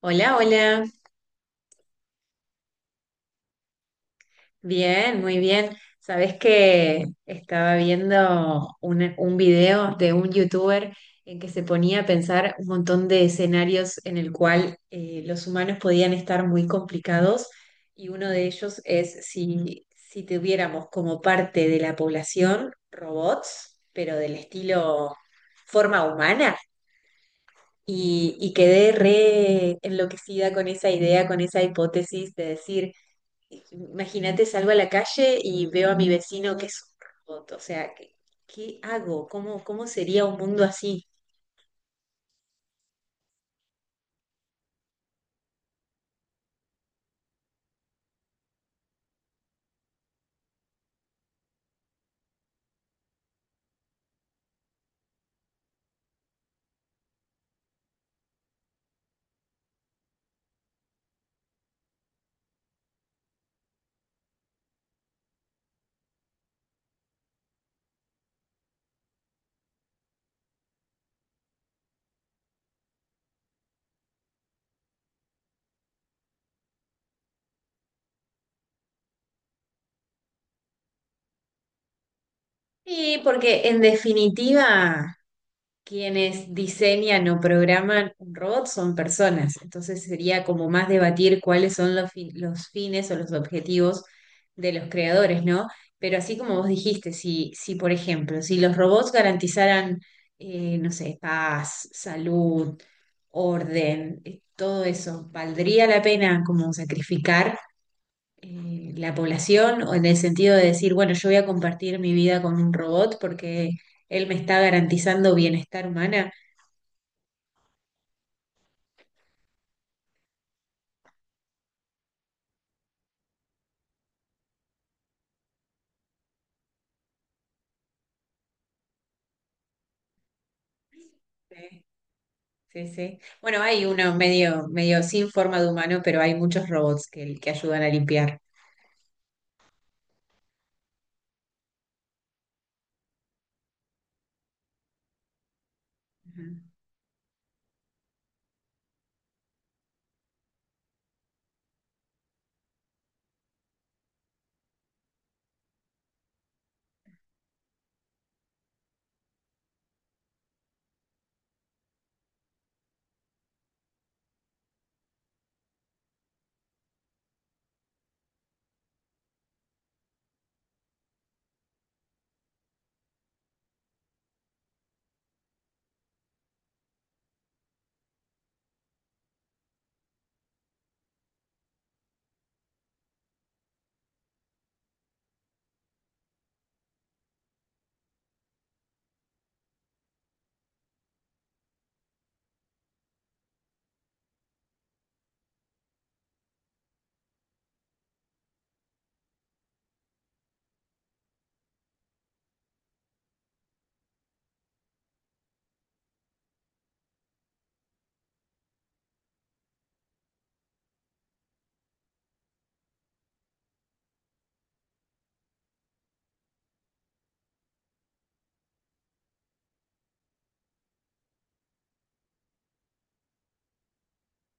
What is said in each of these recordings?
Hola, hola. Bien, muy bien. Sabés que estaba viendo un video de un youtuber en que se ponía a pensar un montón de escenarios en el cual los humanos podían estar muy complicados y uno de ellos es si tuviéramos como parte de la población robots, pero del estilo forma humana. Y quedé re enloquecida con esa idea, con esa hipótesis de decir: imagínate, salgo a la calle y veo a mi vecino que es un robot. O sea, ¿qué hago? ¿Cómo sería un mundo así? Y porque en definitiva quienes diseñan o programan un robot son personas, entonces sería como más debatir cuáles son los fines o los objetivos de los creadores, ¿no? Pero así como vos dijiste, si por ejemplo, si los robots garantizaran, no sé, paz, salud, orden, todo eso, ¿valdría la pena como sacrificar la población? O en el sentido de decir, bueno, yo voy a compartir mi vida con un robot porque él me está garantizando bienestar humana. Sí, sí, sí. Bueno, hay uno medio sin forma de humano, pero hay muchos robots que ayudan a limpiar. Ujú.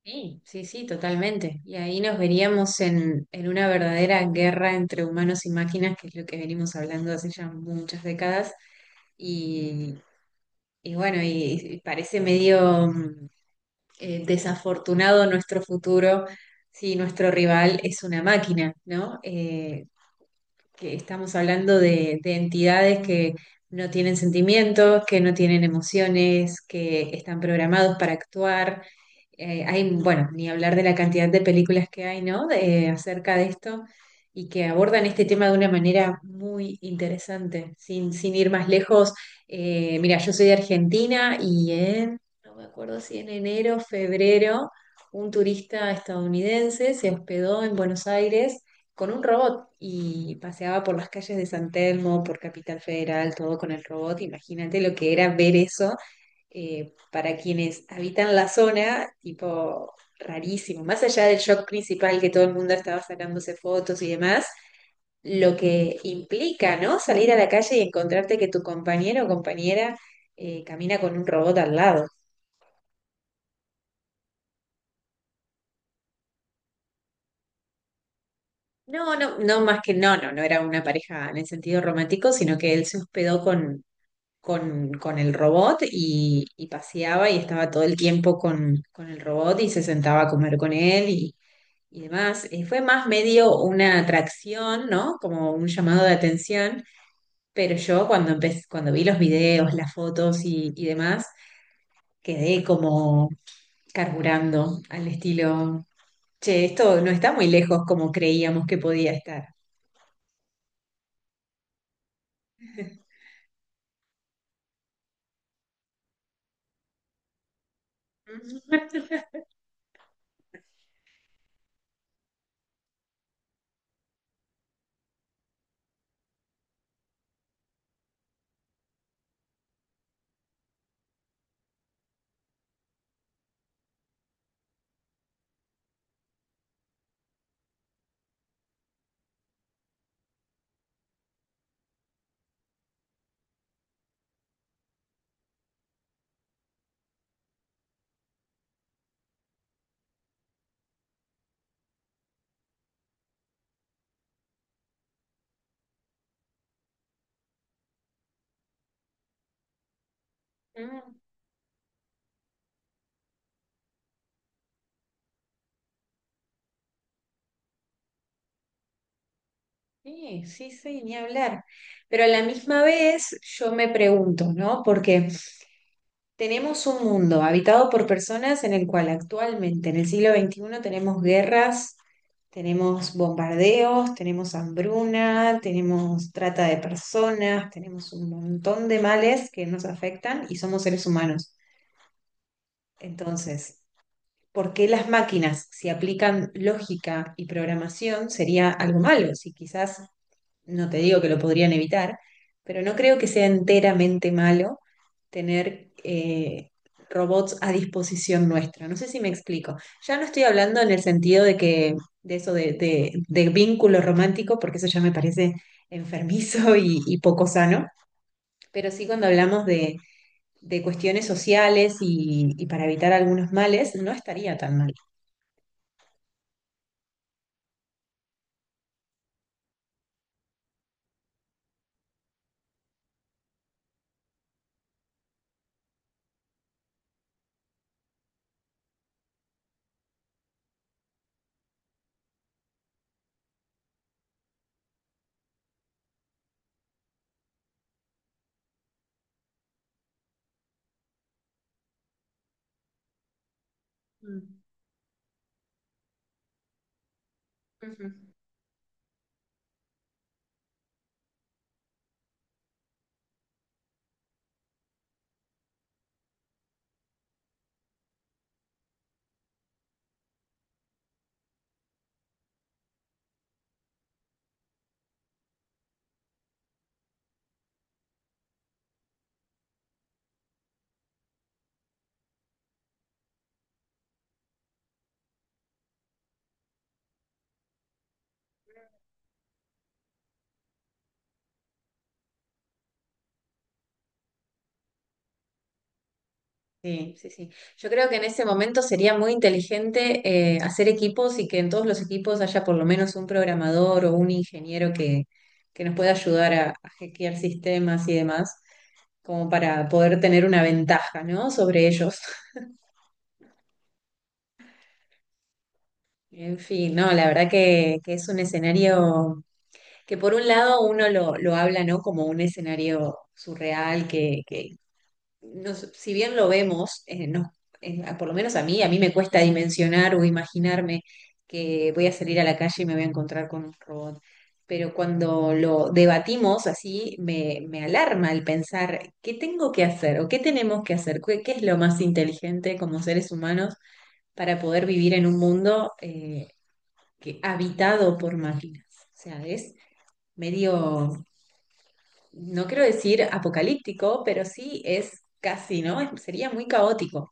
Sí, sí, sí, totalmente. Y ahí nos veríamos en una verdadera guerra entre humanos y máquinas, que es lo que venimos hablando hace ya muchas décadas. Y, y bueno, y parece desafortunado nuestro futuro si nuestro rival es una máquina, ¿no? Que estamos hablando de entidades que no tienen sentimientos, que no tienen emociones, que están programados para actuar. Hay, bueno, ni hablar de la cantidad de películas que hay, ¿no? De- acerca de esto y que abordan este tema de una manera muy interesante, sin ir más lejos. Mira, yo soy de Argentina y en, no me acuerdo si en enero, febrero, un turista estadounidense se hospedó en Buenos Aires con un robot y paseaba por las calles de San Telmo, por Capital Federal, todo con el robot. Imagínate lo que era ver eso para quienes habitan la zona, tipo rarísimo. Más allá del shock principal que todo el mundo estaba sacándose fotos y demás, lo que implica, ¿no? Salir a la calle y encontrarte que tu compañero o compañera camina con un robot al lado. No, no, no, más que no, no, no era una pareja en el sentido romántico, sino que él se hospedó con el robot y paseaba y estaba todo el tiempo con el robot y se sentaba a comer con él y demás. Fue más medio una atracción, ¿no? Como un llamado de atención, pero yo cuando cuando vi los videos, las fotos y demás, quedé como carburando al estilo, che, esto no está muy lejos como creíamos que podía estar. Ujú. Sí, sí, sí, ni hablar. Pero a la misma vez yo me pregunto, ¿no? Porque tenemos un mundo habitado por personas en el cual actualmente, en el siglo XXI, tenemos guerras, tenemos bombardeos, tenemos hambruna, tenemos trata de personas, tenemos un montón de males que nos afectan y somos seres humanos. Entonces, ¿por qué las máquinas, si aplican lógica y programación, sería algo malo? Si quizás no te digo que lo podrían evitar, pero no creo que sea enteramente malo tener robots a disposición nuestra. No sé si me explico. Ya no estoy hablando en el sentido de que de eso de vínculo romántico, porque eso ya me parece enfermizo y poco sano, pero sí cuando hablamos de cuestiones sociales y para evitar algunos males, no estaría tan mal. Mm. Ujú. Sí, sí, sí. Yo creo que en ese momento sería muy inteligente hacer equipos y que en todos los equipos haya por lo menos un programador o un ingeniero que nos pueda ayudar a hackear sistemas y demás, como para poder tener una ventaja, ¿no? Sobre ellos. En fin, no, la verdad que es un escenario que por un lado uno lo habla, ¿no? Como un escenario surreal que nos- si bien lo vemos, no, por lo menos a mí me cuesta dimensionar o imaginarme que voy a salir a la calle y me voy a encontrar con un robot. Pero cuando lo debatimos así, me alarma el pensar qué tengo que hacer o qué tenemos que hacer, qué es lo más inteligente como seres humanos para poder vivir en un mundo habitado por máquinas. O sea, es medio, no quiero decir apocalíptico, pero sí es casi, ¿no? Es- sería muy caótico.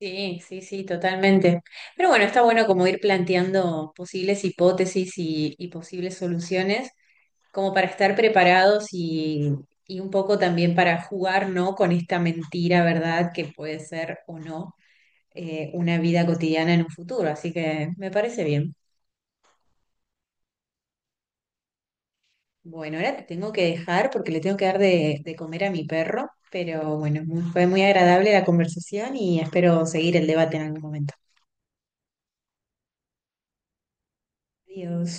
Sí, sí, sí, totalmente. Pero bueno, está bueno como ir planteando posibles hipótesis y posibles soluciones, como para estar preparados y un poco también para jugar, ¿no? Con esta mentira, ¿verdad? Que puede ser o no una vida cotidiana en un futuro. Así que me parece bien. Bueno, ahora te tengo que dejar porque le tengo que dar de comer a mi perro, pero bueno, fue muy agradable la conversación y espero seguir el debate en algún momento. Adiós.